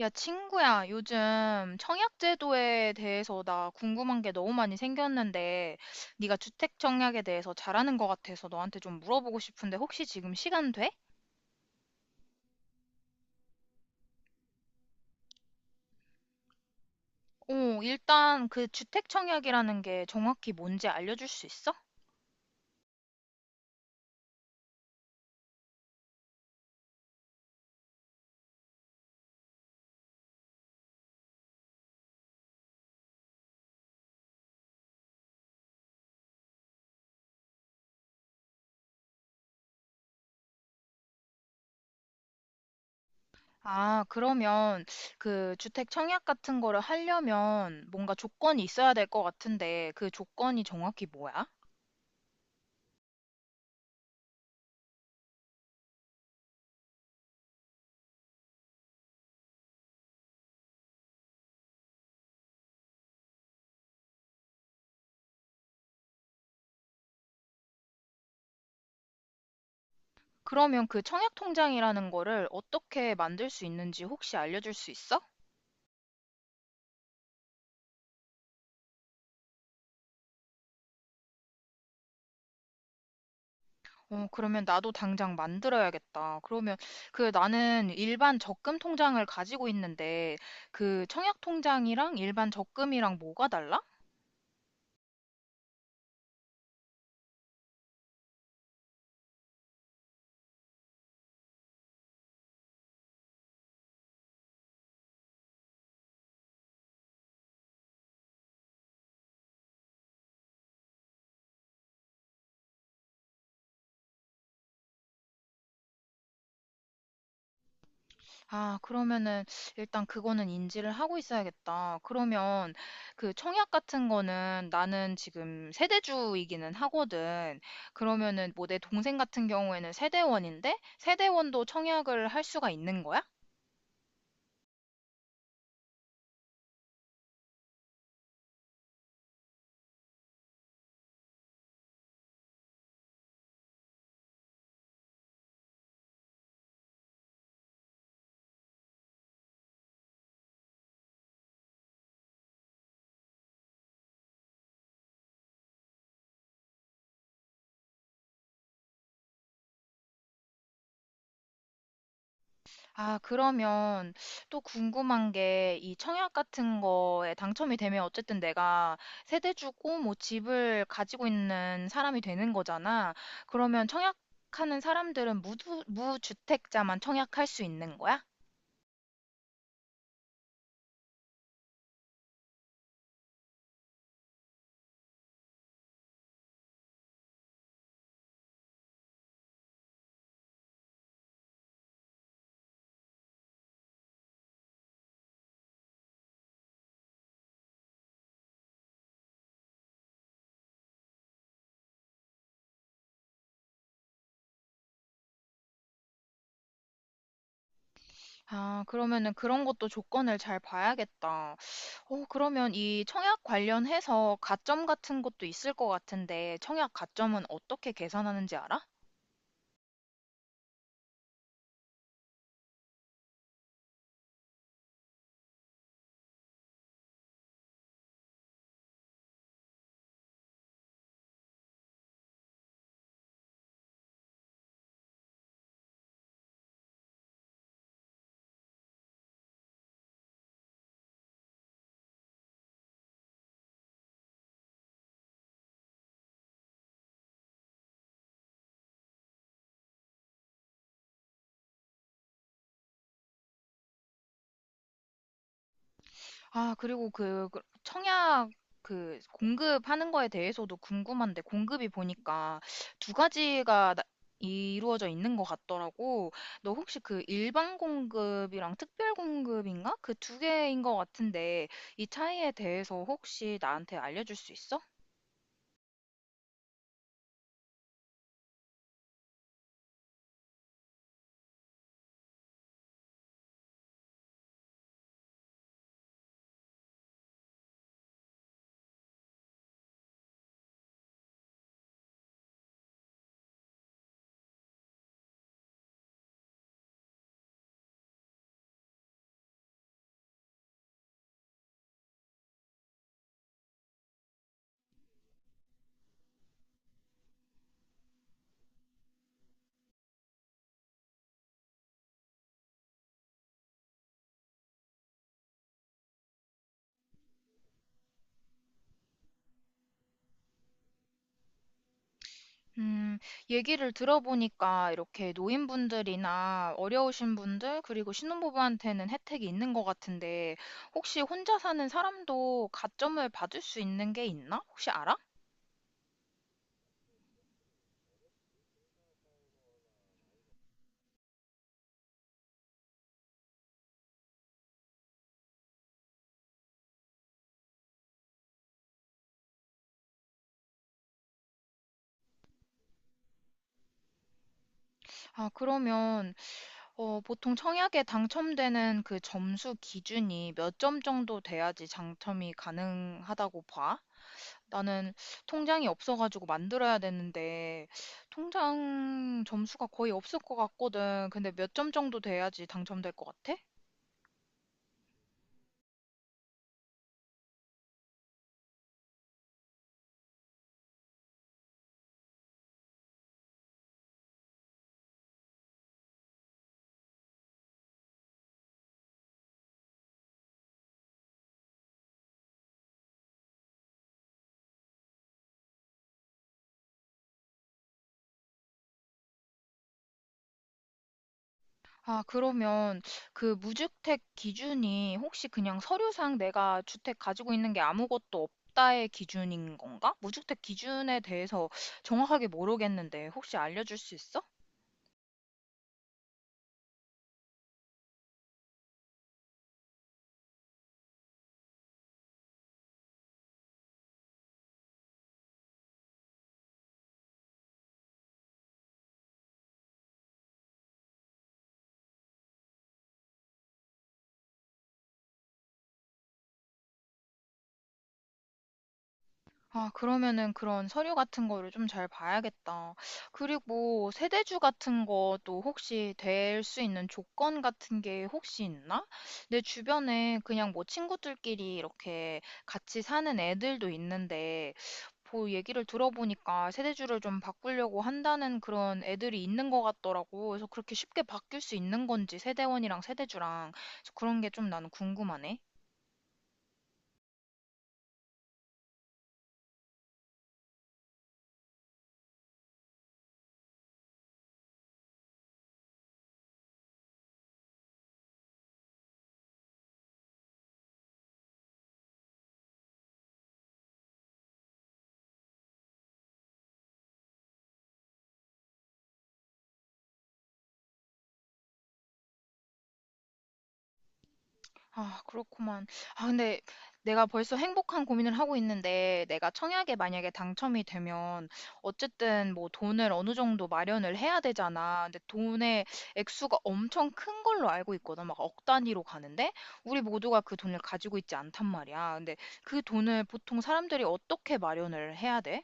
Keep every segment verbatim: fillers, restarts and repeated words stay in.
야, 친구야, 요즘 청약 제도에 대해서 나 궁금한 게 너무 많이 생겼는데, 네가 주택 청약에 대해서 잘하는 것 같아서 너한테 좀 물어보고 싶은데, 혹시 지금 시간 돼? 어, 일단 그 주택 청약이라는 게 정확히 뭔지 알려줄 수 있어? 아, 그러면 그 주택 청약 같은 거를 하려면 뭔가 조건이 있어야 될 것 같은데, 그 조건이 정확히 뭐야? 그러면 그 청약 통장이라는 거를 어떻게 만들 수 있는지 혹시 알려줄 수 있어? 어, 그러면 나도 당장 만들어야겠다. 그러면 그 나는 일반 적금 통장을 가지고 있는데 그 청약 통장이랑 일반 적금이랑 뭐가 달라? 아, 그러면은 일단 그거는 인지를 하고 있어야겠다. 그러면 그 청약 같은 거는 나는 지금 세대주이기는 하거든. 그러면은 뭐 내 동생 같은 경우에는 세대원인데 세대원도 청약을 할 수가 있는 거야? 아, 그러면 또 궁금한 게 이 청약 같은 거에 당첨이 되면 어쨌든 내가 세대 주고 뭐 집을 가지고 있는 사람이 되는 거잖아. 그러면 청약하는 사람들은 무주, 무주택자만 청약할 수 있는 거야? 아, 그러면은 그런 것도 조건을 잘 봐야겠다. 어, 그러면 이 청약 관련해서 가점 같은 것도 있을 것 같은데 청약 가점은 어떻게 계산하는지 알아? 아, 그리고 그, 그 청약 그 공급하는 거에 대해서도 궁금한데, 공급이 보니까 두 가지가 나- 이루어져 있는 것 같더라고. 너 혹시 그 일반 공급이랑 특별 공급인가? 그 두 개인 것 같은데, 이 차이에 대해서 혹시 나한테 알려줄 수 있어? 음, 얘기를 들어보니까 이렇게 노인분들이나 어려우신 분들, 그리고 신혼부부한테는 혜택이 있는 것 같은데, 혹시 혼자 사는 사람도 가점을 받을 수 있는 게 있나? 혹시 알아? 아, 그러면, 어, 보통 청약에 당첨되는 그 점수 기준이 몇 점 정도 돼야지 당첨이 가능하다고 봐? 나는 통장이 없어가지고 만들어야 되는데, 통장 점수가 거의 없을 것 같거든. 근데 몇 점 정도 아, 그러면 그 무주택 기준이 혹시 그냥 서류상 내가 주택 가지고 있는 게 아무것도 없다의 기준인 건가? 무주택 기준에 대해서 정확하게 모르겠는데 혹시 알려줄 수 있어? 아, 그러면은 그런 서류 같은 거를 좀 잘 봐야겠다. 그리고 세대주 같은 것도 혹시 될 수 있는 조건 같은 게 혹시 있나? 내 주변에 그냥 뭐 친구들끼리 이렇게 같이 사는 애들도 있는데, 뭐 얘기를 들어보니까 세대주를 좀 바꾸려고 한다는 그런 애들이 있는 것 같더라고. 그래서 그렇게 쉽게 바뀔 수 있는 건지 세대원이랑 세대주랑. 그래서 그런 게 좀 나는 궁금하네. 아, 그렇구만. 아, 근데 내가 벌써 행복한 고민을 하고 있는데, 내가 청약에 만약에 당첨이 되면, 어쨌든 뭐 돈을 어느 정도 마련을 해야 되잖아. 근데 돈의 액수가 엄청 큰 걸로 알고 있거든. 막 억 단위로 가는데, 우리 모두가 그 돈을 가지고 있지 않단 말이야. 근데 그 돈을 보통 사람들이 어떻게 마련을 해야 돼?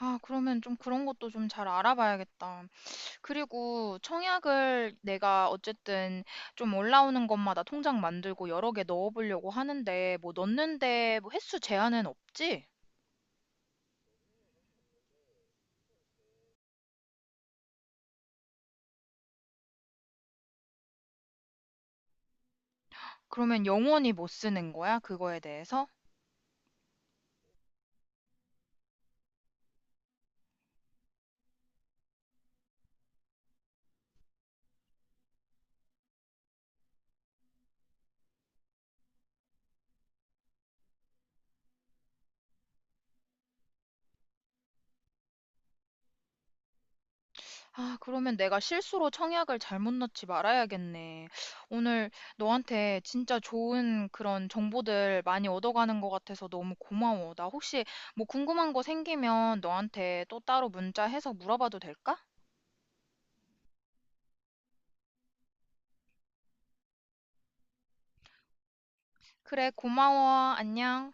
아, 그러면 좀 그런 것도 좀 잘 알아봐야겠다. 그리고 청약을 내가 어쨌든 좀 올라오는 것마다 통장 만들고 여러 개 넣어보려고 하는데, 뭐 넣는데 뭐 횟수 제한은 없. 그러면 영원히 못 쓰는 거야? 그거에 대해서? 아, 그러면 내가 실수로 청약을 잘못 넣지 말아야겠네. 오늘 너한테 진짜 좋은 그런 정보들 많이 얻어가는 것 같아서 너무 고마워. 나 혹시 뭐 궁금한 거 생기면 너한테 또 따로 문자해서 물어봐도 될까? 그래, 고마워. 안녕.